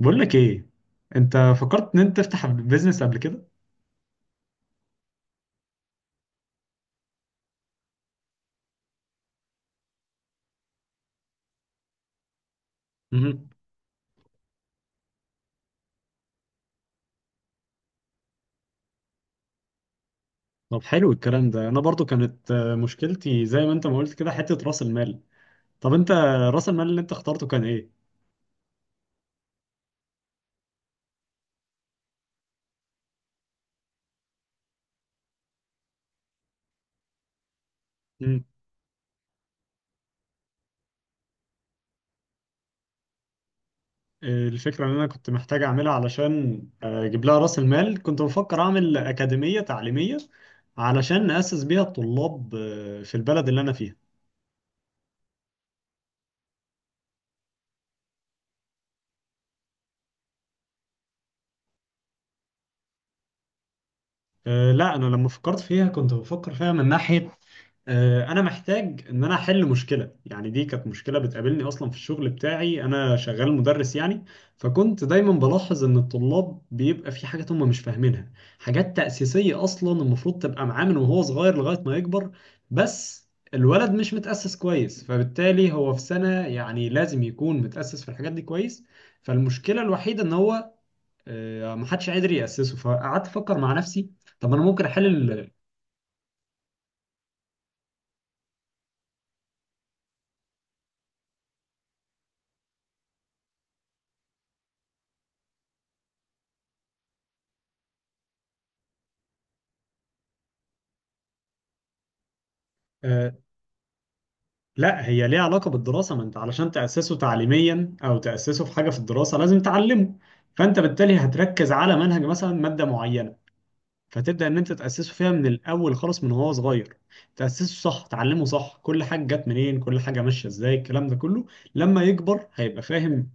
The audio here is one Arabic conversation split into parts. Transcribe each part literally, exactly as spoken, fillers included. بقول لك ايه، انت فكرت ان انت تفتح بيزنس قبل كده؟ مهم. طب حلو الكلام ده، انا برضو كانت آه، مشكلتي زي ما انت ما قلت كده حتة راس المال. طب انت، راس المال اللي انت اخترته كان ايه؟ مم. آه، الفكرة ان انا كنت محتاج اعملها علشان آه، اجيب لها راس المال، كنت بفكر اعمل اكاديمية تعليمية علشان نأسس بيها الطلاب آه، في البلد اللي انا فيها. آه، لا، انا لما فكرت فيها كنت بفكر فيها من ناحية آه، انا محتاج ان انا احل مشكله. يعني دي كانت مشكله بتقابلني اصلا في الشغل بتاعي، انا شغال مدرس يعني. فكنت دايما بلاحظ ان الطلاب بيبقى في حاجات هم مش فاهمينها، حاجات تأسيسيه اصلا المفروض تبقى معاه من وهو صغير لغايه ما يكبر. بس الولد مش متأسس كويس، فبالتالي هو في سنه يعني لازم يكون متأسس في الحاجات دي كويس. فالمشكله الوحيده ان هو آه، محدش قادر يأسسه، فقعدت افكر مع نفسي، طب انا ممكن احل. لا، هي ليها علاقة بالدراسة، ما انت علشان تأسسه تعليميا او تأسسه في حاجة في الدراسة لازم تعلمه. فانت بالتالي هتركز على منهج مثلا مادة معينة، فتبدأ ان انت تأسسه فيها من الاول خالص من وهو صغير. تأسسه صح، تعلمه صح، كل حاجة جت منين، كل حاجة ماشية ازاي، الكلام ده كله. لما يكبر هيبقى فاهم.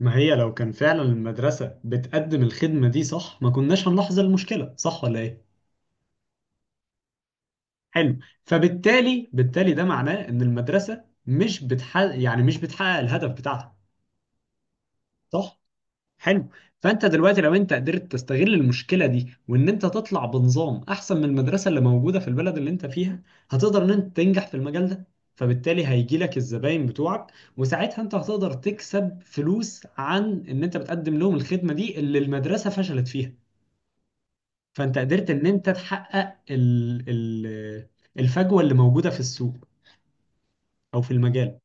ما هي لو كان فعلا المدرسة بتقدم الخدمة دي صح ما كناش هنلاحظ المشكلة، صح ولا ايه؟ حلو. فبالتالي بالتالي ده معناه ان المدرسة مش بتحقق يعني مش بتحقق الهدف بتاعها. صح. حلو. فانت دلوقتي لو انت قدرت تستغل المشكله دي وان انت تطلع بنظام احسن من المدرسه اللي موجوده في البلد اللي انت فيها، هتقدر ان انت تنجح في المجال ده. فبالتالي هيجي لك الزباين بتوعك، وساعتها انت هتقدر تكسب فلوس عن ان انت بتقدم لهم الخدمه دي اللي المدرسه فشلت فيها. فانت قدرت ان انت تحقق ال ال الفجوه اللي موجوده في السوق، او في المجال.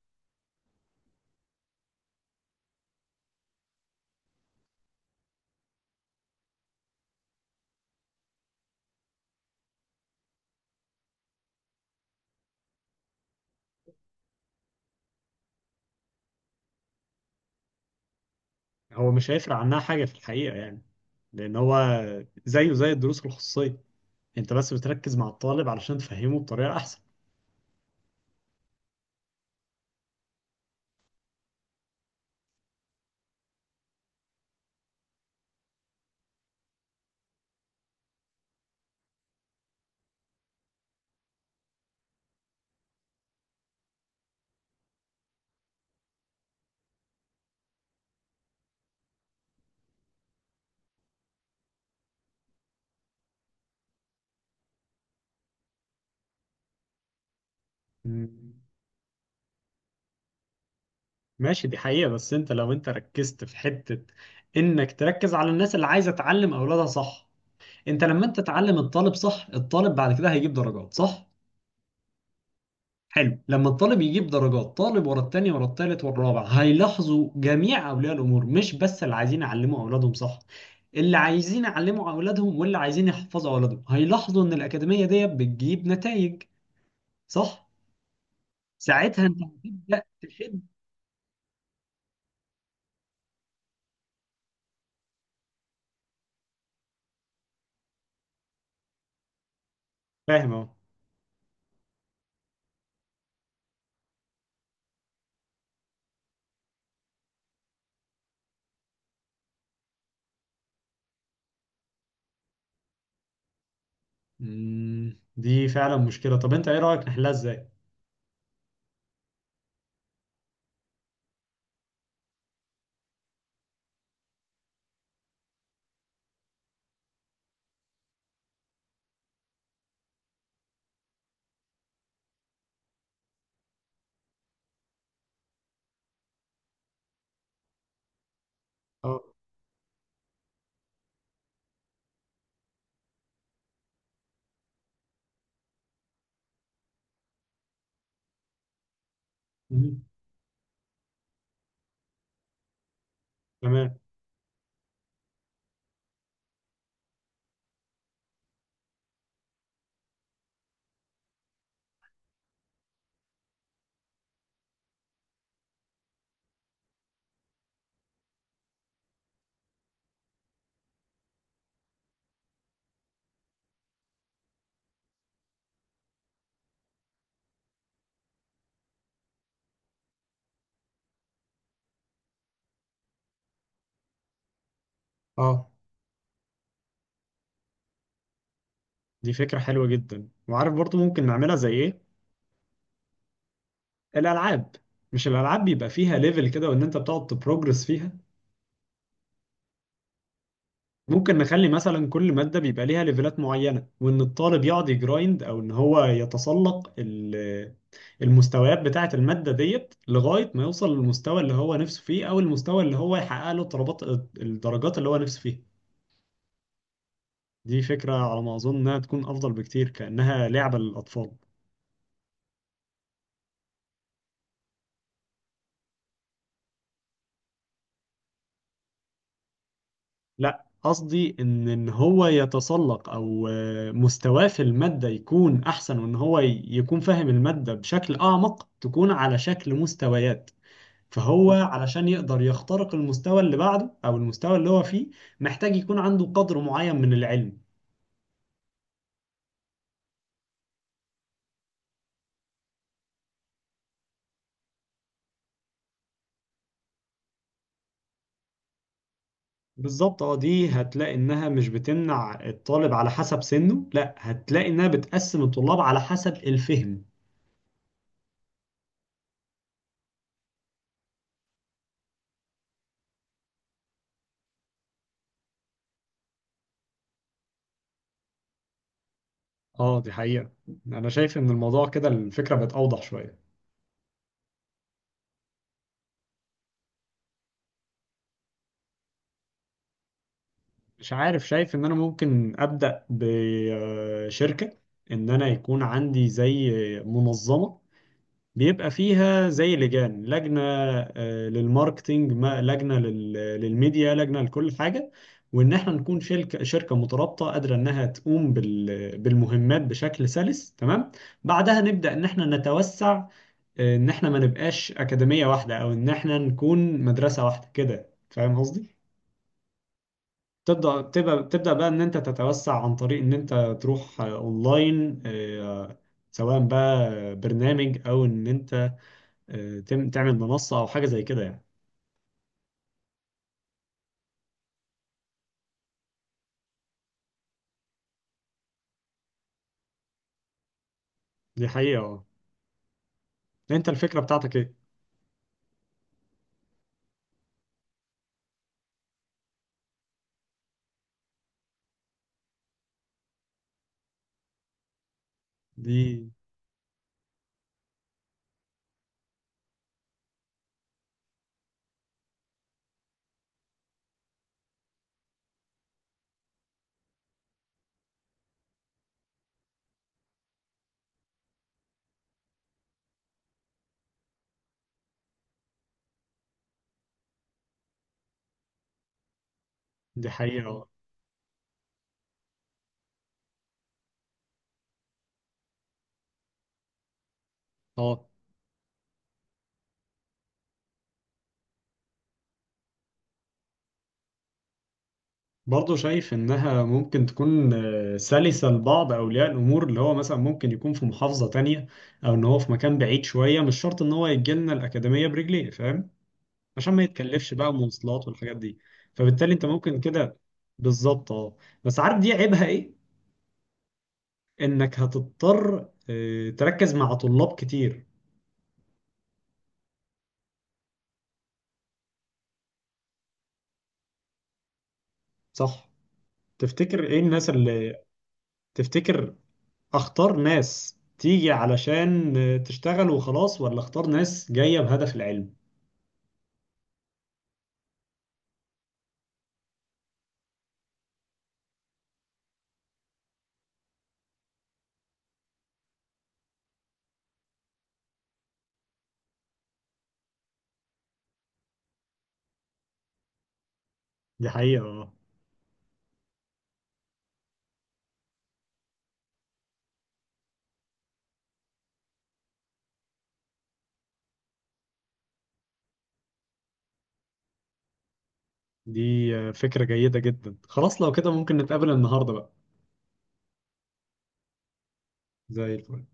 هو مش هيفرق عنها حاجه في الحقيقه يعني. لان هو زيه زي الدروس الخصوصيه، انت بس بتركز مع الطالب علشان تفهمه بطريقة احسن. مم. ماشي، دي حقيقة. بس انت لو انت ركزت في حتة انك تركز على الناس اللي عايزة تعلم اولادها، صح؟ انت لما انت تعلم الطالب صح، الطالب بعد كده هيجيب درجات، صح؟ حلو. لما الطالب يجيب درجات، طالب ورا التاني ورا التالت والرابع، هيلاحظوا جميع اولياء الامور، مش بس اللي عايزين يعلموا اولادهم، صح؟ اللي عايزين يعلموا اولادهم واللي عايزين يحفظوا اولادهم هيلاحظوا ان الاكاديمية دي بتجيب نتائج. صح. ساعتها انت هتبدأ. فاهم اهو. مم، دي فعلا مشكلة. طب انت ايه رأيك نحلها ازاي؟ اه. مم، تمام. اه، دي فكرة حلوة جدا. وعارف برضو ممكن نعملها زي ايه؟ الألعاب. مش الألعاب بيبقى فيها ليفل كده وان انت بتقعد تبروجرس فيها؟ ممكن نخلي مثلا كل مادة بيبقى ليها ليفلات معينة، وان الطالب يقعد يجرايند او ان هو يتسلق ال- المستويات بتاعة المادة ديت لغاية ما يوصل للمستوى اللي هو نفسه فيه او المستوى اللي هو يحقق له الطلبات، الدرجات اللي هو نفسه فيها. دي فكرة، على ما أظن إنها تكون أفضل بكتير، كأنها لعبة للأطفال. لا، قصدي إن إن هو يتسلق أو آه، مستواه في المادة يكون أحسن، وإن هو ي- يكون فاهم المادة بشكل أعمق، تكون على شكل مستويات. فهو علشان يقدر يخترق المستوى اللي بعده أو المستوى اللي هو فيه، محتاج يكون عنده قدر معين من العلم. بالظبط، اه. دي هتلاقي انها مش بتمنع الطالب على حسب سنه، لا هتلاقي انها بتقسم الطلاب على حسب الفهم. اه، دي حقيقة. انا شايف ان الموضوع كده الفكرة بقت اوضح شوية. مش عارف، شايف ان انا ممكن ابدأ بشركة. ان انا يكون عندي زي منظمة بيبقى فيها زي لجان لجنة آه، للماركتينج، ما- لجنة لل- للميديا، لجنة لكل حاجة. وإن إحنا نكون شركة شركة مترابطة قادرة إنها تقوم بال- بالمهمات بشكل سلس تمام. بعدها نبدأ إن إحنا نتوسع. آه، إن إحنا ما نبقاش أكاديمية واحدة أو إن إحنا نكون مدرسة واحدة كده. فاهم قصدي؟ تبدأ تبقى تبدأ بقى إن أنت تتوسع عن طريق إن أنت تروح آه، أونلاين، آه، سواء بقى برنامج او ان انت آه، تم- تعمل منصة أو حاجة زي كده يعني. دي حقيقة، اه. أنت الفكرة بتاعتك إيه؟ دي دي حقيقة، اه. آه. برضه شايف إنها ممكن تكون آه، سلسة لبعض أولياء الأمور، اللي هو مثلا ممكن يكون في محافظة تانية أو إن هو في مكان بعيد شوية، مش شرط إن هو يجي لنا الأكاديمية برجليه، فاهم؟ عشان ما يتكلفش بقى مواصلات والحاجات دي. فبالتالي أنت ممكن كده. بالظبط، اه. بس عارف دي عيبها إيه؟ إنك هتضطر آه، تركز مع طلاب كتير. صح؟ تفتكر ايه الناس اللي، تفتكر اختار ناس تيجي علشان تشتغل وخلاص، ولا اختار ناس جاية بهدف العلم؟ دي حقيقة، اه. دي فكرة جيدة جدا، خلاص لو كده ممكن نتقابل النهاردة بقى. زي الفل.